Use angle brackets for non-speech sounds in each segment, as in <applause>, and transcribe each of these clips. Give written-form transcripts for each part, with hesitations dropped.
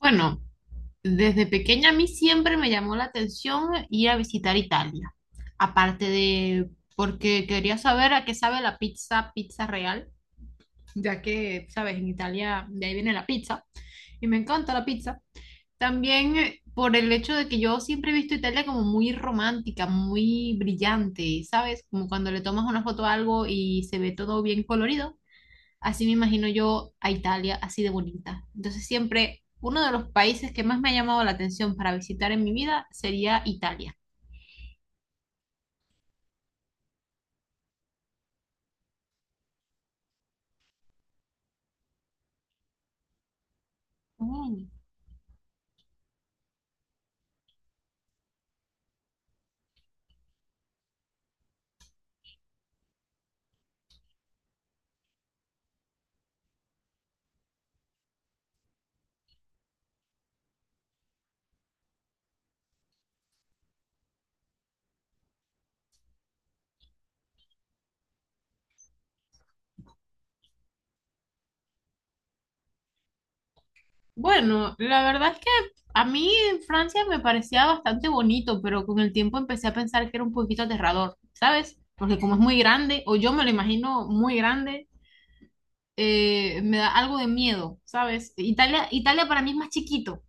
Bueno, desde pequeña a mí siempre me llamó la atención ir a visitar Italia. Aparte de porque quería saber a qué sabe la pizza, pizza real, ya que, sabes, en Italia de ahí viene la pizza y me encanta la pizza. También por el hecho de que yo siempre he visto Italia como muy romántica, muy brillante, ¿sabes? Como cuando le tomas una foto a algo y se ve todo bien colorido, así me imagino yo a Italia, así de bonita. Entonces siempre uno de los países que más me ha llamado la atención para visitar en mi vida sería Italia. Mm. Bueno, la verdad es que a mí en Francia me parecía bastante bonito, pero con el tiempo empecé a pensar que era un poquito aterrador, ¿sabes? Porque como es muy grande, o yo me lo imagino muy grande, me da algo de miedo, ¿sabes? Italia, Italia para mí es más chiquito,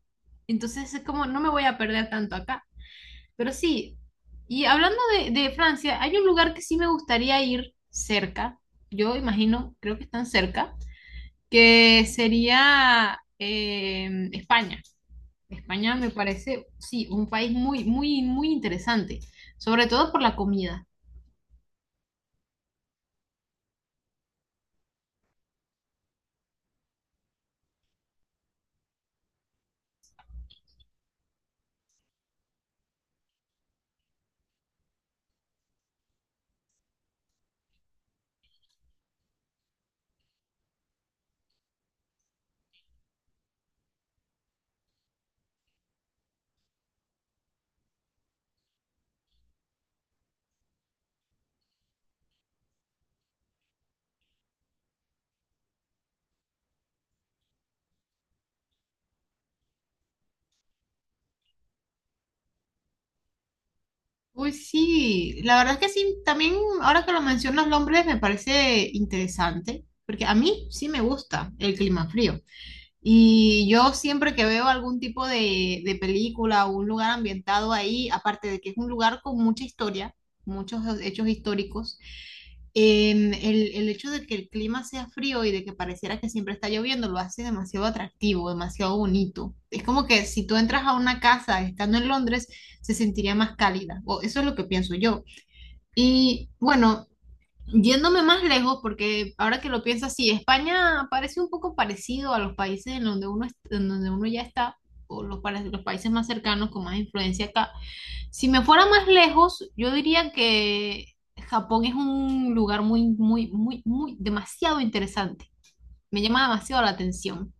entonces es como no me voy a perder tanto acá. Pero sí, y hablando de Francia, hay un lugar que sí me gustaría ir cerca, yo imagino, creo que están cerca, que sería España. España me parece, sí, un país muy, muy, muy interesante, sobre todo por la comida. Uy, sí, la verdad es que sí, también ahora que lo mencionas, Londres me parece interesante, porque a mí sí me gusta el clima frío. Y yo siempre que veo algún tipo de película o un lugar ambientado ahí, aparte de que es un lugar con mucha historia, muchos hechos históricos, el hecho de que el clima sea frío y de que pareciera que siempre está lloviendo lo hace demasiado atractivo, demasiado bonito. Es como que si tú entras a una casa estando en Londres, se sentiría más cálida, o eso es lo que pienso yo. Y bueno, yéndome más lejos, porque ahora que lo pienso así, España parece un poco parecido a los países en donde uno, en donde uno ya está, o los países más cercanos con más influencia acá. Si me fuera más lejos, yo diría que Japón es un lugar muy, muy, muy, muy, demasiado interesante. Me llama demasiado la atención.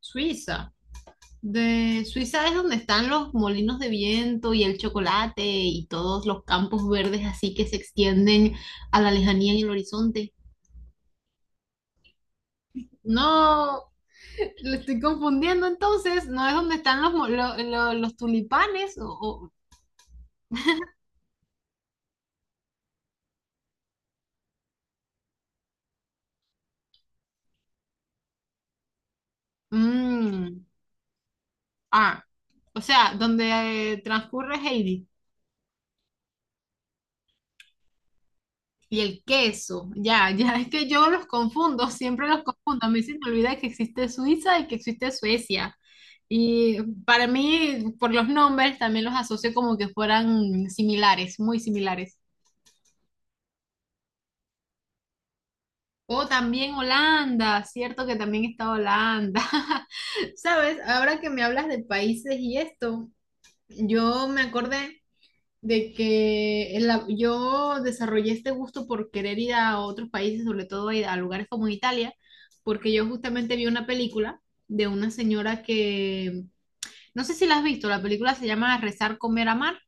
Suiza. De Suiza es donde están los molinos de viento y el chocolate y todos los campos verdes así que se extienden a la lejanía en el horizonte. No, le estoy confundiendo entonces. ¿No es donde están los, mo- lo- los tulipanes? O- Mm, ah, o sea, donde transcurre Heidi y el queso. Ya, ya es que yo los confundo, siempre los confundo. A mí se me olvida que existe Suiza y que existe Suecia. Y para mí, por los nombres, también los asocio como que fueran similares, muy similares. O también Holanda, cierto que también está Holanda. <laughs> Sabes, ahora que me hablas de países y esto, yo me acordé de que en yo desarrollé este gusto por querer ir a otros países, sobre todo a lugares como Italia, porque yo justamente vi una película de una señora que, no sé si la has visto, la película se llama Rezar, comer, amar.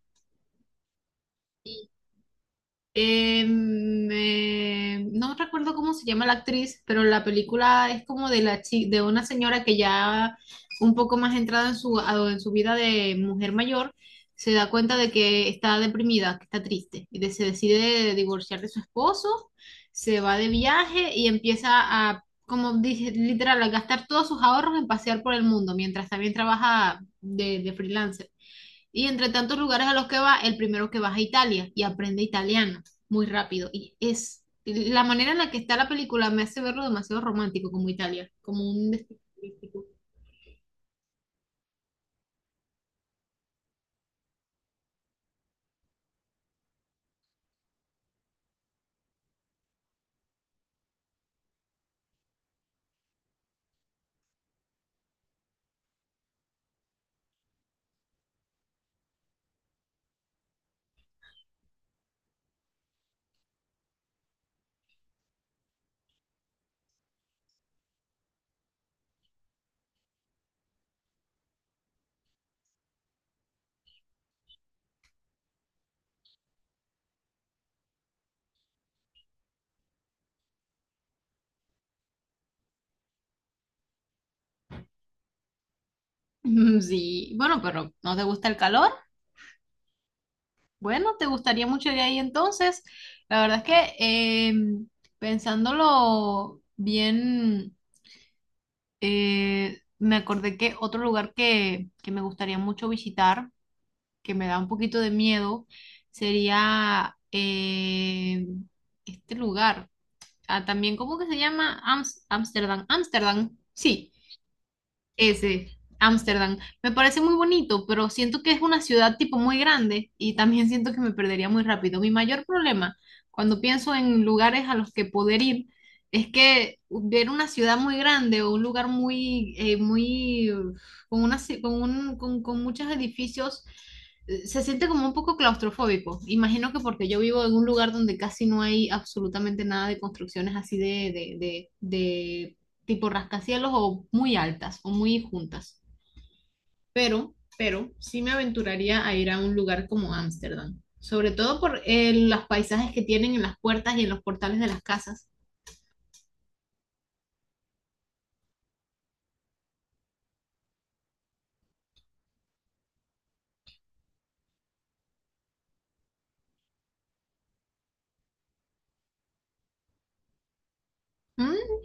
No recuerdo cómo se llama la actriz, pero la película es como de de una señora que ya un poco más entrada en su, en su vida de mujer mayor, se da cuenta de que está deprimida, que está triste, y se decide divorciar de su esposo, se va de viaje y empieza a, como dije, literal, a gastar todos sus ahorros en pasear por el mundo, mientras también trabaja de freelancer. Y entre tantos lugares a los que va, el primero que vas a Italia y aprende italiano muy rápido. Y es la manera en la que está la película me hace verlo demasiado romántico como Italia, como un destino turístico. <laughs> Mm, sí, bueno, pero ¿no te gusta el calor? Bueno, te gustaría mucho ir ahí entonces. La verdad es que pensándolo bien, me acordé que otro lugar que me gustaría mucho visitar que me da un poquito de miedo sería este lugar. Ah, también, ¿cómo que se llama? Ámsterdam, Amsterdam, sí. Ese, Ámsterdam. Me parece muy bonito, pero siento que es una ciudad tipo muy grande y también siento que me perdería muy rápido. Mi mayor problema cuando pienso en lugares a los que poder ir es que ver una ciudad muy grande o un lugar muy, muy, con una, con muchos edificios, se siente como un poco claustrofóbico. Imagino que porque yo vivo en un lugar donde casi no hay absolutamente nada de construcciones así de, tipo rascacielos o muy altas o muy juntas. Pero sí me aventuraría a ir a un lugar como Ámsterdam, sobre todo por los paisajes que tienen en las puertas y en los portales de las casas. Mm,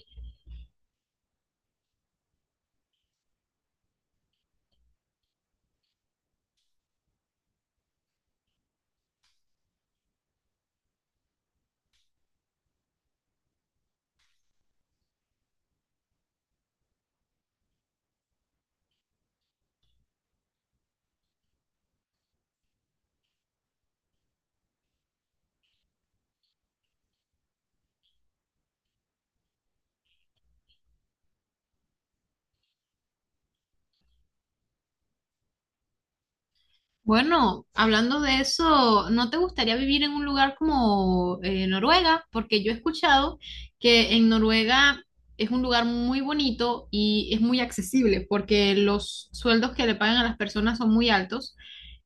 bueno, hablando de eso, ¿no te gustaría vivir en un lugar como Noruega? Porque yo he escuchado que en Noruega es un lugar muy bonito y es muy accesible porque los sueldos que le pagan a las personas son muy altos.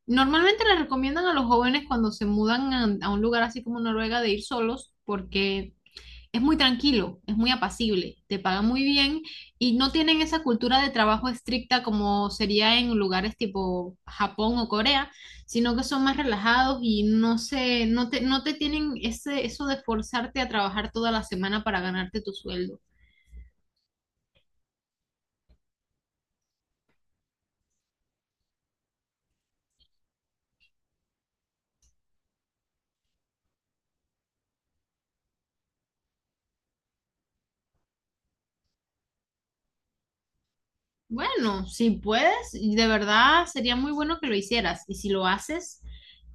Normalmente les recomiendan a los jóvenes cuando se mudan a un lugar así como Noruega de ir solos porque es muy tranquilo, es muy apacible, te pagan muy bien y no tienen esa cultura de trabajo estricta como sería en lugares tipo Japón o Corea, sino que son más relajados y no te tienen ese, eso de forzarte a trabajar toda la semana para ganarte tu sueldo. Bueno, si puedes, y de verdad sería muy bueno que lo hicieras. Y si lo haces,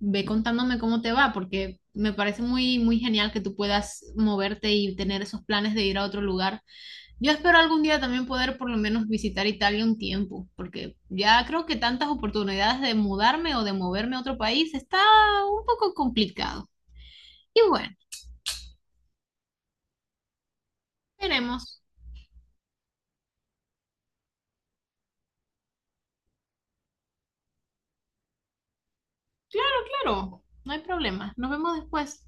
ve contándome cómo te va, porque me parece muy, muy genial que tú puedas moverte y tener esos planes de ir a otro lugar. Yo espero algún día también poder por lo menos visitar Italia un tiempo, porque ya creo que tantas oportunidades de mudarme o de moverme a otro país está un poco complicado. Y bueno, veremos. Claro, no hay problema. Nos vemos después.